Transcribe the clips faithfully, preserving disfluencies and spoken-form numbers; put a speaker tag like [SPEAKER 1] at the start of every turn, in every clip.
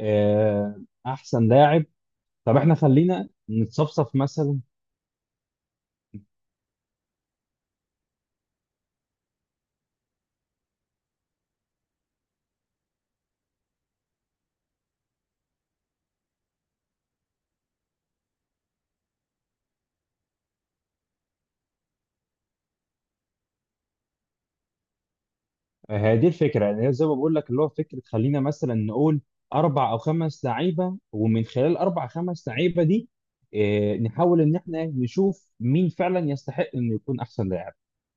[SPEAKER 1] آه، احسن لاعب. طب احنا خلينا نتصفصف مثلا. آه، هي دي الفكره، يعني هي زي ما بقول لك اللي هو فكره، خلينا مثلا نقول اربع او خمس لعيبه، ومن خلال اربع خمس لعيبه دي آه، نحاول ان احنا نشوف مين فعلا يستحق انه يكون احسن لاعب.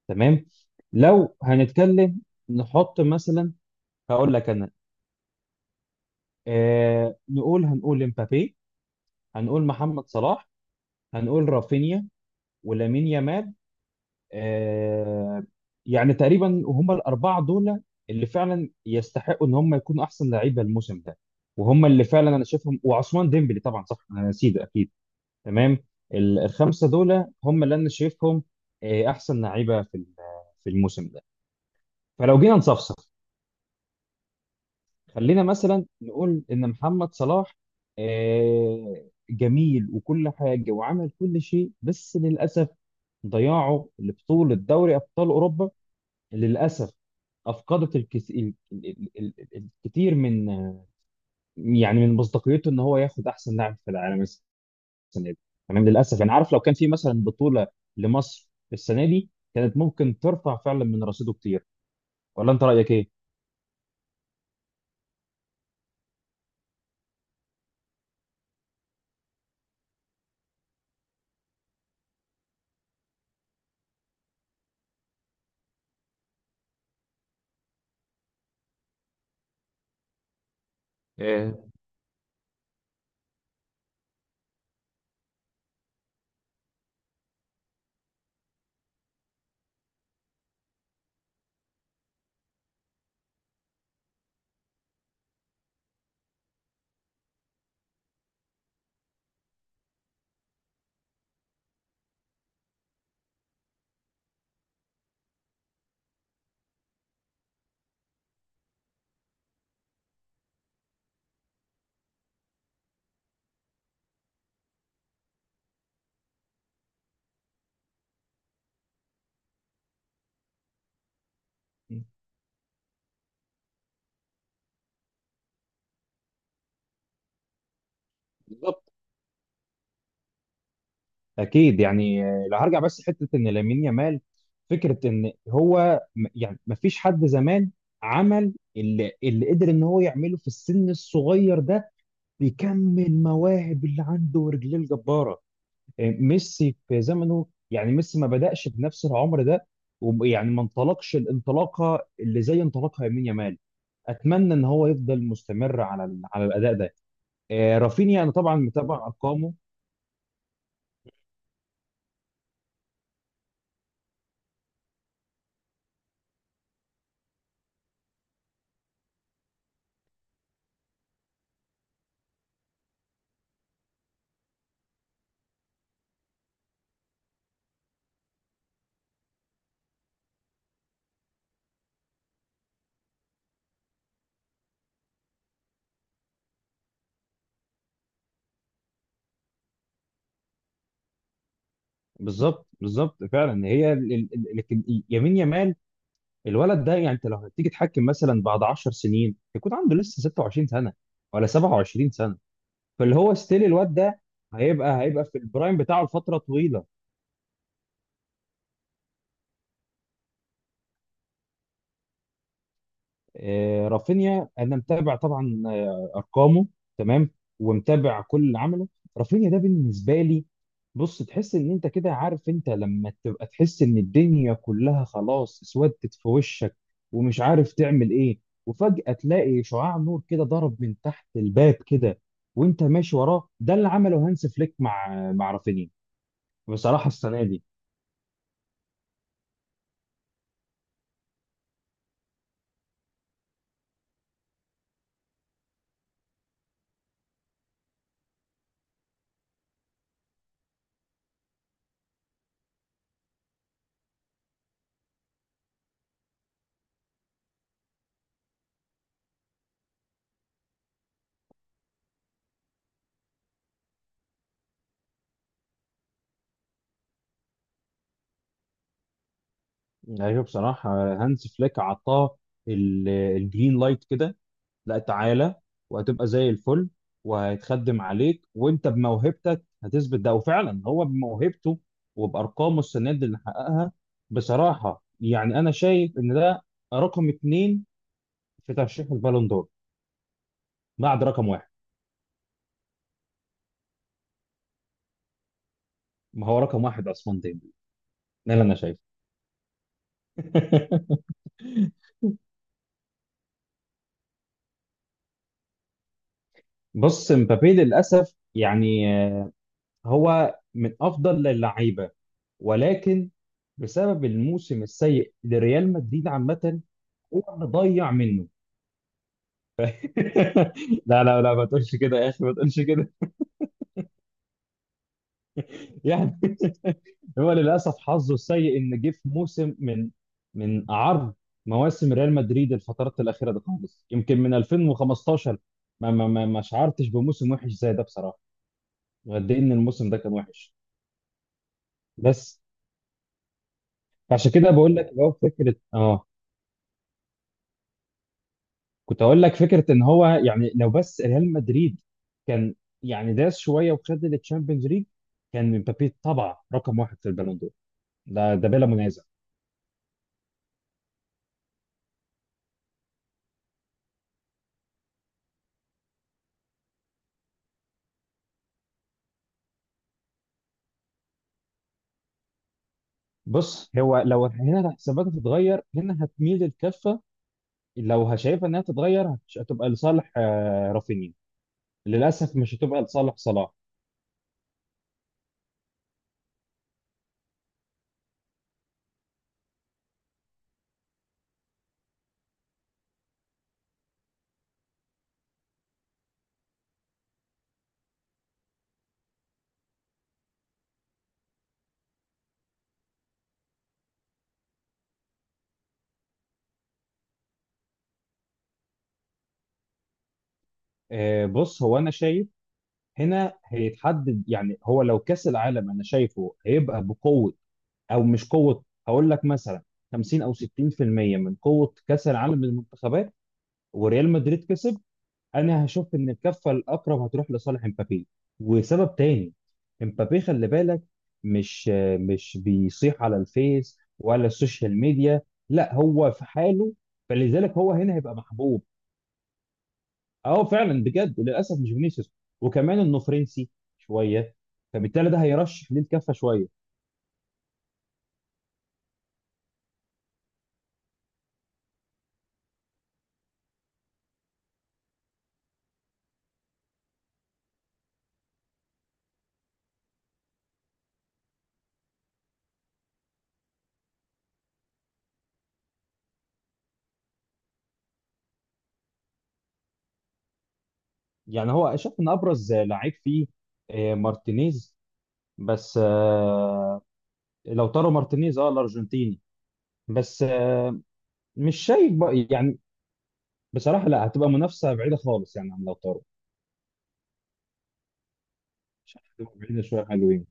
[SPEAKER 1] تمام. لو هنتكلم نحط مثلا، هقول لك انا آه، نقول، هنقول امبابي، هنقول محمد صلاح، هنقول رافينيا، ولامين يامال. آه، يعني تقريبا هم الاربعه دول اللي فعلا يستحقوا ان هم يكونوا احسن لعيبه الموسم ده، وهم اللي فعلا انا شايفهم، وعثمان ديمبلي طبعا، صح انا نسيت، اكيد. تمام. ال- الخمسه دول هم اللي انا شايفهم آه، احسن لعيبه في ال- في الموسم ده. فلو جينا نصفصف، خلينا مثلا نقول ان محمد صلاح آه، جميل وكل حاجه وعمل كل شيء، بس للاسف ضياعه لبطوله دوري ابطال اوروبا للأسف أفقدت الكس... ال... ال... ال... ال... ال- الكتير من، يعني من مصداقيته إن هو ياخد أحسن لاعب في العالم السنة دي. تمام. للأسف يعني، عارف، لو كان في مثلا بطولة لمصر السنة دي كانت ممكن ترفع فعلا من رصيده كتير. ولا أنت رأيك إيه؟ إيه، بالظبط. اكيد يعني، آه، لو هرجع بس حته ان لامين يامال، فكره ان هو م- يعني ما فيش حد زمان عمل اللي, اللي قدر ان هو يعمله في السن الصغير ده. بيكمل مواهب اللي عنده ورجليه الجباره. آه، ميسي في زمنه، يعني ميسي ما بدأش بنفس العمر ده، ويعني ما انطلقش الانطلاقه اللي زي انطلاقها يمين يامال. اتمنى ان هو يفضل مستمر على ال- على الاداء ده. آه، رافينيا انا طبعا متابع ارقامه. بالظبط بالظبط، فعلا هي ال- ال- ال- لكن يمين يامال الولد ده، يعني انت لو هتيجي تحكم مثلا بعد 10 سنين يكون عنده لسه ستة وعشرين سنة سنه ولا سبعة وعشرين. فاللي هو ستيل الواد ده هيبقى هيبقى في البرايم بتاعه لفتره طويله. آه، رافينيا انا متابع طبعا آه، ارقامه. تمام، ومتابع كل اللي عمله. رافينيا ده بالنسبه لي، بص، تحس ان انت كده، عارف انت لما تبقى تحس ان الدنيا كلها خلاص اسودت في وشك ومش عارف تعمل ايه، وفجأة تلاقي شعاع نور كده ضرب من تحت الباب كده وانت ماشي وراه، ده اللي عمله هانس فليك مع مع رافينيا بصراحة السنة دي. ايوه، بصراحه هانز فليك عطاه ال- الجرين لايت كده، لا تعالى وهتبقى زي الفل وهيتخدم عليك وانت بموهبتك هتثبت ده، وفعلا هو بموهبته وبارقامه السنه دي اللي حققها، بصراحه يعني انا شايف ان ده رقم اتنين في ترشيح البالون دور بعد رقم واحد. ما هو رقم واحد عثمان ديمبلي، ده اللي انا شايفه. بص، مبابي للاسف يعني هو من افضل اللعيبه، ولكن بسبب الموسم السيء لريال مدريد عامه هو اللي ضيع منه. لا لا لا، ما تقولش كده يا اخي، ما تقولش كده. يعني هو للاسف حظه السيء ان جه في موسم من من اعر مواسم ريال مدريد، الفترات الاخيره دي خالص يمكن من ألفين وخمستاشر، ما ما ما ما شعرتش بموسم وحش زي ده بصراحه، وقد ايه ان الموسم ده كان وحش. بس فعشان كده بقول لك اللي هو فكره، اه كنت اقول لك فكره ان هو، يعني لو بس ريال مدريد كان يعني داس شويه وخد التشامبيونز ليج كان مبابي طبعا رقم واحد في البالون دور، ده ده بلا منازع. بص هو لو هنا الحسابات هتتغير، هنا هتميل الكفه لو هشايفها انها تتغير هتش- هتبقى لصالح آه، رافينيا، للاسف مش هتبقى لصالح صلاح. آه، بص هو انا شايف هنا هيتحدد، يعني هو لو كاس العالم انا شايفه هيبقى بقوه، او مش قوه، هقول لك مثلا خمسين او ستين في المية من قوه كاس العالم للمنتخبات، وريال مدريد كسب، انا هشوف ان الكفه الاقرب هتروح لصالح امبابي. وسبب تاني، امبابي خلي بالك مش مش بيصيح على الفيس ولا السوشيال ميديا، لا هو في حاله، فلذلك هو هنا هيبقى محبوب. اه فعلا بجد للاسف مش فينيسيوس، وكمان انه فرنسي شويه، فبالتالي ده هيرشح ليه الكفه شويه. يعني هو شايف ان ابرز لعيب فيه آه، مارتينيز، بس آه، لو تارو مارتينيز، اه الارجنتيني، بس آه، مش شايف بقى يعني بصراحه، لا هتبقى منافسه بعيده خالص يعني، عن لو تارو مش عارف، هتبقى بعيده شويه حلوين.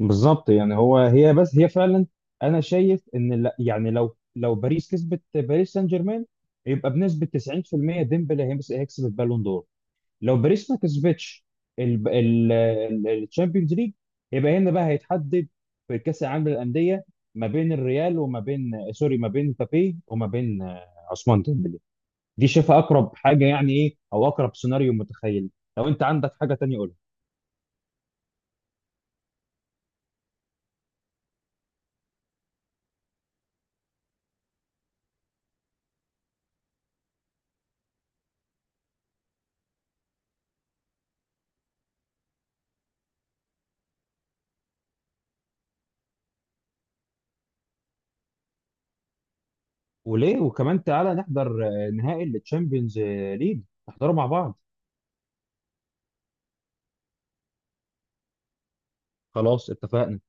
[SPEAKER 1] بالظبط، يعني هو هي، بس هي فعلا انا شايف ان لا، يعني لو لو باريس كسبت، باريس سان جيرمان، يبقى بنسبه تسعين في المية ديمبلي هيمس- هيكسب البالون دور. لو باريس ما كسبتش الشامبيونز ليج، يبقى هنا بقى هيتحدد في كاس العالم للانديه، ما بين الريال وما بين سوري، ما بين مبابي وما بين آه، عثمان ديمبلي. دي شايفها اقرب حاجه يعني، ايه او اقرب سيناريو متخيل. لو انت عندك حاجه تانية قولها. وليه، وكمان تعالى نحضر آه، نهائي الشامبيونز ليج، نحضره مع بعض. خلاص اتفقنا.